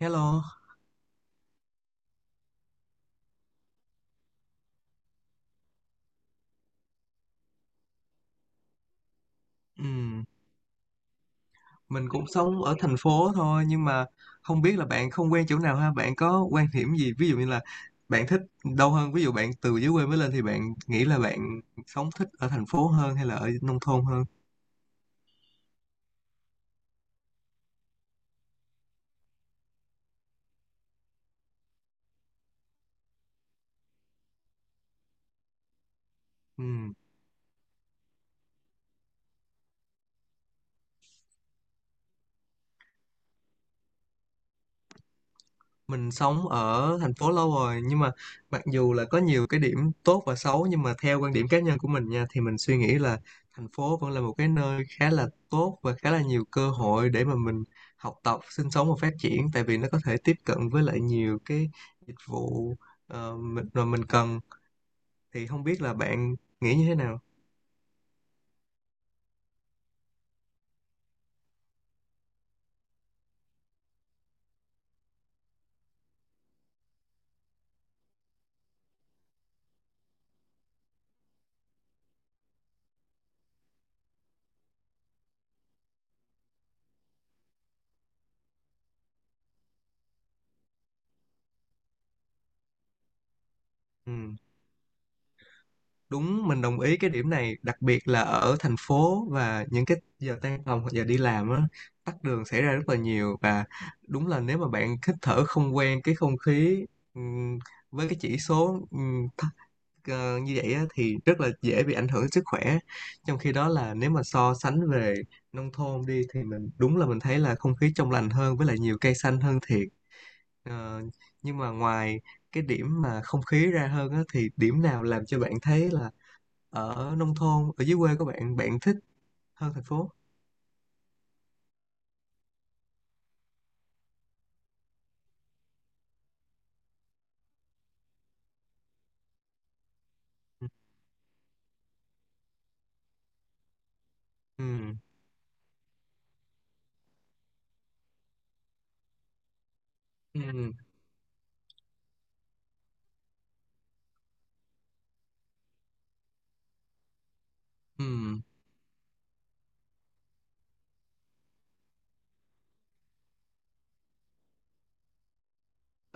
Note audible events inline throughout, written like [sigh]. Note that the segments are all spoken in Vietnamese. Hello, Ừm, mình cũng sống ở thành phố thôi, nhưng mà không biết là bạn không quen chỗ nào ha, bạn có quan điểm gì, ví dụ như là bạn thích đâu hơn? Ví dụ bạn từ dưới quê mới lên thì bạn nghĩ là bạn sống thích ở thành phố hơn hay là ở nông thôn hơn? Mình sống ở thành phố lâu rồi, nhưng mà mặc dù là có nhiều cái điểm tốt và xấu, nhưng mà theo quan điểm cá nhân của mình nha, thì mình suy nghĩ là thành phố vẫn là một cái nơi khá là tốt và khá là nhiều cơ hội để mà mình học tập, sinh sống và phát triển, tại vì nó có thể tiếp cận với lại nhiều cái dịch vụ mà mình cần. Thì không biết là bạn nghĩ như thế nào? Ừ. Đúng, mình đồng ý cái điểm này, đặc biệt là ở thành phố và những cái giờ tan tầm hoặc giờ đi làm á, tắc đường xảy ra rất là nhiều, và đúng là nếu mà bạn hít thở không quen cái không khí ừm, với cái chỉ số thấp, như vậy á, thì rất là dễ bị ảnh hưởng đến sức khỏe. Trong khi đó là nếu mà so sánh về nông thôn đi, thì mình đúng là mình thấy là không khí trong lành hơn với lại nhiều cây xanh hơn thiệt. Ờ, nhưng mà ngoài cái điểm mà không khí ra hơn á, thì điểm nào làm cho bạn thấy là ở nông thôn ở dưới quê của bạn bạn thích hơn thành phố? Ừ. Ừ. Ừ.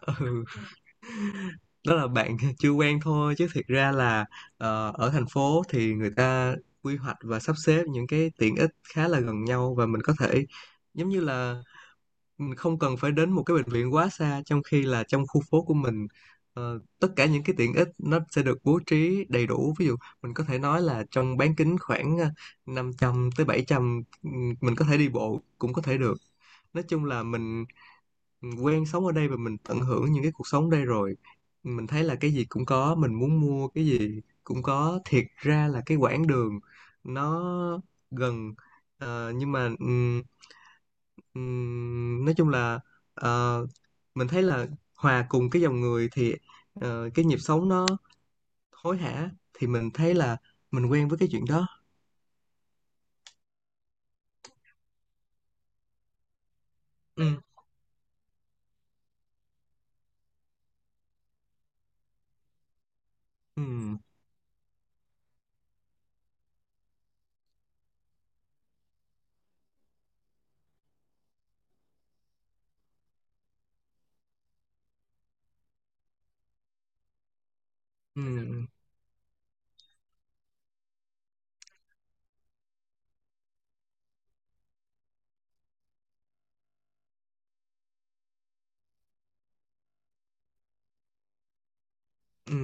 Ừ. Đó là bạn [laughs] chưa quen thôi, chứ thiệt ra là ở thành phố thì người ta quy hoạch và sắp xếp những cái tiện ích khá là gần nhau, và mình có thể, giống như là mình không cần phải đến một cái bệnh viện quá xa, trong khi là trong khu phố của mình, tất cả những cái tiện ích nó sẽ được bố trí đầy đủ. Ví dụ mình có thể nói là trong bán kính khoảng 500 tới 700, mình có thể đi bộ cũng có thể được. Nói chung là mình quen sống ở đây và mình tận hưởng những cái cuộc sống đây rồi. Mình thấy là cái gì cũng có, mình muốn mua cái gì cũng có, thiệt ra là cái quãng đường nó gần. Nhưng mà nói chung là ờ, mình thấy là hòa cùng cái dòng người thì cái nhịp sống nó hối hả, thì mình thấy là mình quen với cái chuyện đó. Ừ. Ừ. Ừ. Ừ.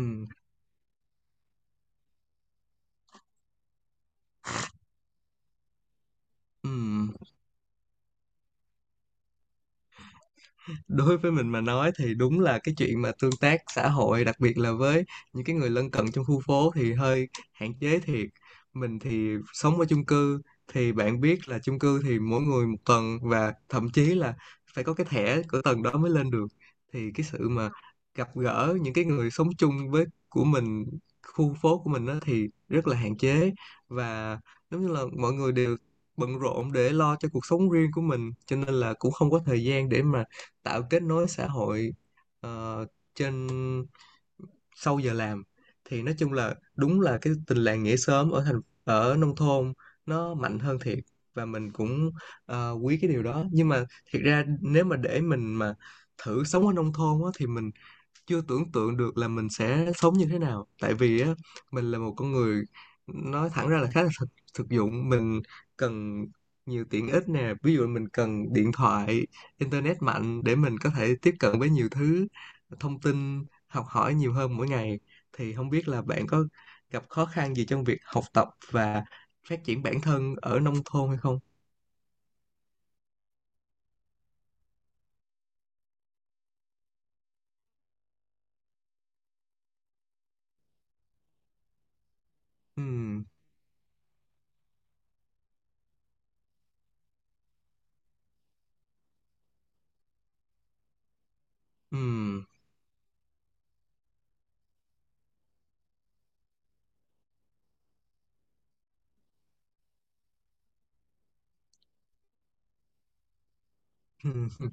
Ừ. Đối với mình mà nói thì đúng là cái chuyện mà tương tác xã hội, đặc biệt là với những cái người lân cận trong khu phố thì hơi hạn chế thiệt. Mình thì sống ở chung cư, thì bạn biết là chung cư thì mỗi người một tầng, và thậm chí là phải có cái thẻ của tầng đó mới lên được. Thì cái sự mà gặp gỡ những cái người sống chung với của mình, khu phố của mình đó, thì rất là hạn chế, và giống như là mọi người đều bận rộn để lo cho cuộc sống riêng của mình, cho nên là cũng không có thời gian để mà tạo kết nối xã hội ờ, trên, sau giờ làm. Thì nói chung là đúng là cái tình làng nghĩa xóm ở thành, ở nông thôn nó mạnh hơn thiệt, và mình cũng quý cái điều đó, nhưng mà thiệt ra nếu mà để mình mà thử sống ở nông thôn á, thì mình chưa tưởng tượng được là mình sẽ sống như thế nào. Tại vì á, mình là một con người, nói thẳng ra là khá là thực dụng. Mình cần nhiều tiện ích nè, ví dụ mình cần điện thoại, internet mạnh để mình có thể tiếp cận với nhiều thứ, thông tin, học hỏi nhiều hơn mỗi ngày. Thì không biết là bạn có gặp khó khăn gì trong việc học tập và phát triển bản thân ở nông thôn hay không? Ừm, ừm,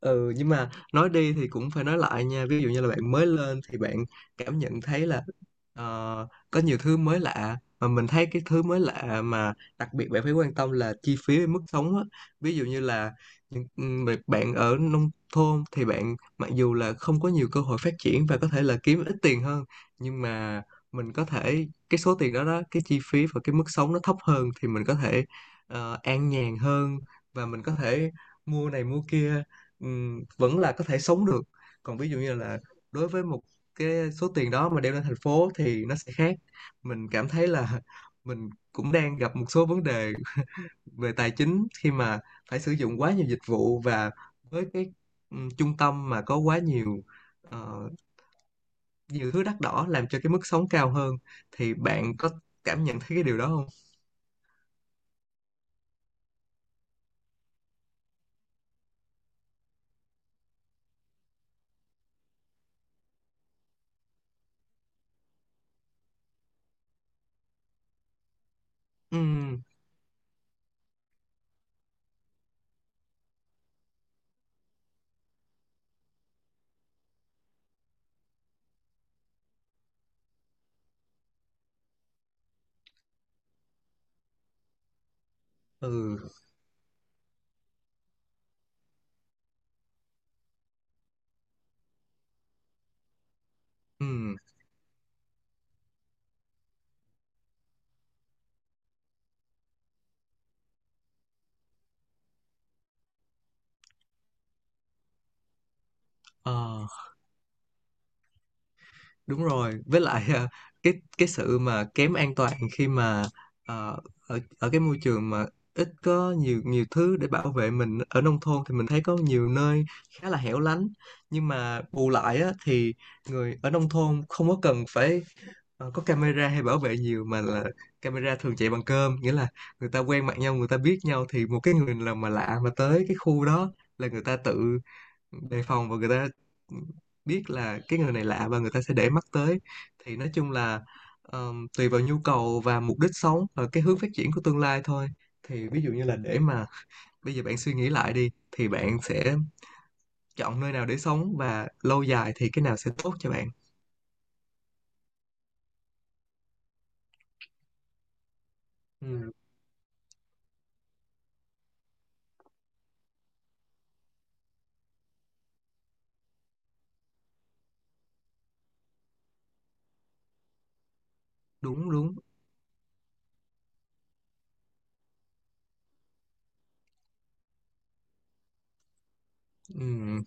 Ừ, nhưng mà nói đi thì cũng phải nói lại nha. Ví dụ như là bạn mới lên thì bạn cảm nhận thấy là, có nhiều thứ mới lạ, mà mình thấy cái thứ mới lạ mà đặc biệt bạn phải quan tâm là chi phí với mức sống á. Ví dụ như là những bạn bạn ở nông thôn thì bạn mặc dù là không có nhiều cơ hội phát triển và có thể là kiếm ít tiền hơn, nhưng mà mình có thể, cái số tiền đó, cái chi phí và cái mức sống nó thấp hơn, thì mình có thể an nhàn hơn, và mình có thể mua này mua kia, vẫn là có thể sống được. Còn ví dụ như là, đối với một cái số tiền đó mà đem lên thành phố thì nó sẽ khác. Mình cảm thấy là, [laughs] mình cũng đang gặp một số vấn đề về tài chính khi mà phải sử dụng quá nhiều dịch vụ, và với cái trung tâm mà có quá nhiều ờ, nhiều thứ đắt đỏ làm cho cái mức sống cao hơn. Thì bạn có cảm nhận thấy cái điều đó không? Ừm, ừ. Ừ. ờ. Đúng rồi, với lại à, cái cái sự mà kém an toàn khi mà ờ, ở ở cái môi trường mà ít có nhiều nhiều thứ để bảo vệ mình, ở nông thôn thì mình thấy có nhiều nơi khá là hẻo lánh. Nhưng mà bù lại á, thì người ở nông thôn không có cần phải có camera hay bảo vệ nhiều, mà là camera thường chạy bằng cơm, nghĩa là người ta quen mặt nhau, người ta biết nhau, thì một cái người nào mà lạ mà tới cái khu đó là người ta tự đề phòng, và người ta biết là cái người này lạ và người ta sẽ để mắt tới. Thì nói chung là tùy vào nhu cầu và mục đích sống và cái hướng phát triển của tương lai thôi. Thì ví dụ như là, để mà bây giờ bạn suy nghĩ lại đi, thì bạn sẽ chọn nơi nào để sống, và lâu dài thì cái nào sẽ tốt cho bạn? Ừ, đúng đúng. Ừ.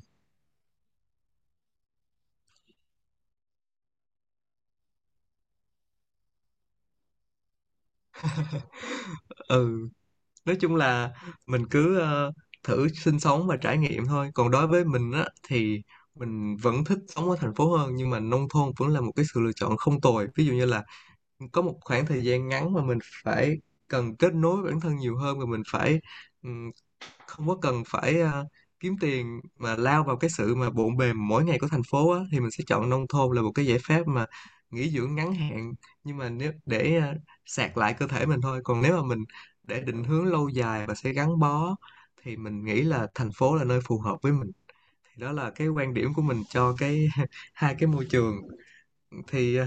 Ừ. Nói chung là mình cứ thử sinh sống và trải nghiệm thôi. Còn đối với mình á, thì mình vẫn thích sống ở thành phố hơn, nhưng mà nông thôn vẫn là một cái sự lựa chọn không tồi. Ví dụ như là có một khoảng thời gian ngắn mà mình phải cần kết nối với bản thân nhiều hơn, và mình phải ừ, không có cần phải kiếm tiền mà lao vào cái sự mà bộn bề mỗi ngày của thành phố á, thì mình sẽ chọn nông thôn là một cái giải pháp mà nghỉ dưỡng ngắn hạn. Nhưng mà nếu để sạc lại cơ thể mình thôi, còn nếu mà mình để định hướng lâu dài và sẽ gắn bó, thì mình nghĩ là thành phố là nơi phù hợp với mình. Thì đó là cái quan điểm của mình cho cái [laughs] hai cái môi trường. Thì à,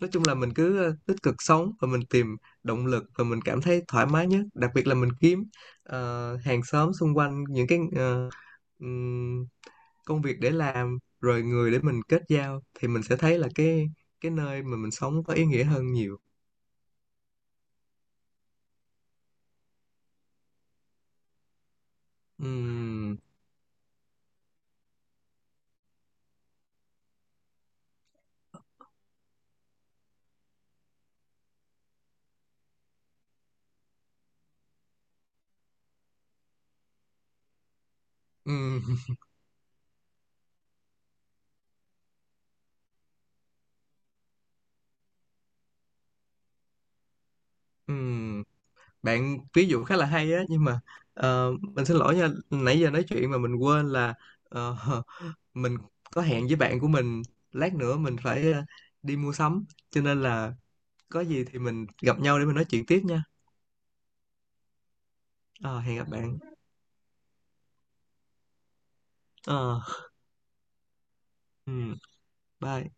nói chung là mình cứ à, tích cực sống và mình tìm động lực, và mình cảm thấy thoải mái nhất, đặc biệt là mình kiếm hàng xóm xung quanh, những cái ừm, công việc để làm, rồi người để mình kết giao, thì mình sẽ thấy là cái nơi mà mình sống có ý nghĩa hơn nhiều. Ừm, ừm, [laughs] ừm. Bạn ví dụ khá là hay á, nhưng mà mình xin lỗi nha, nãy giờ nói chuyện mà mình quên là ờ, [laughs] mình có hẹn với bạn của mình, lát nữa mình phải đi mua sắm, cho nên là có gì thì mình gặp nhau để mình nói chuyện tiếp nha. Ờ, hẹn gặp bạn. Ờ, ừ, bye.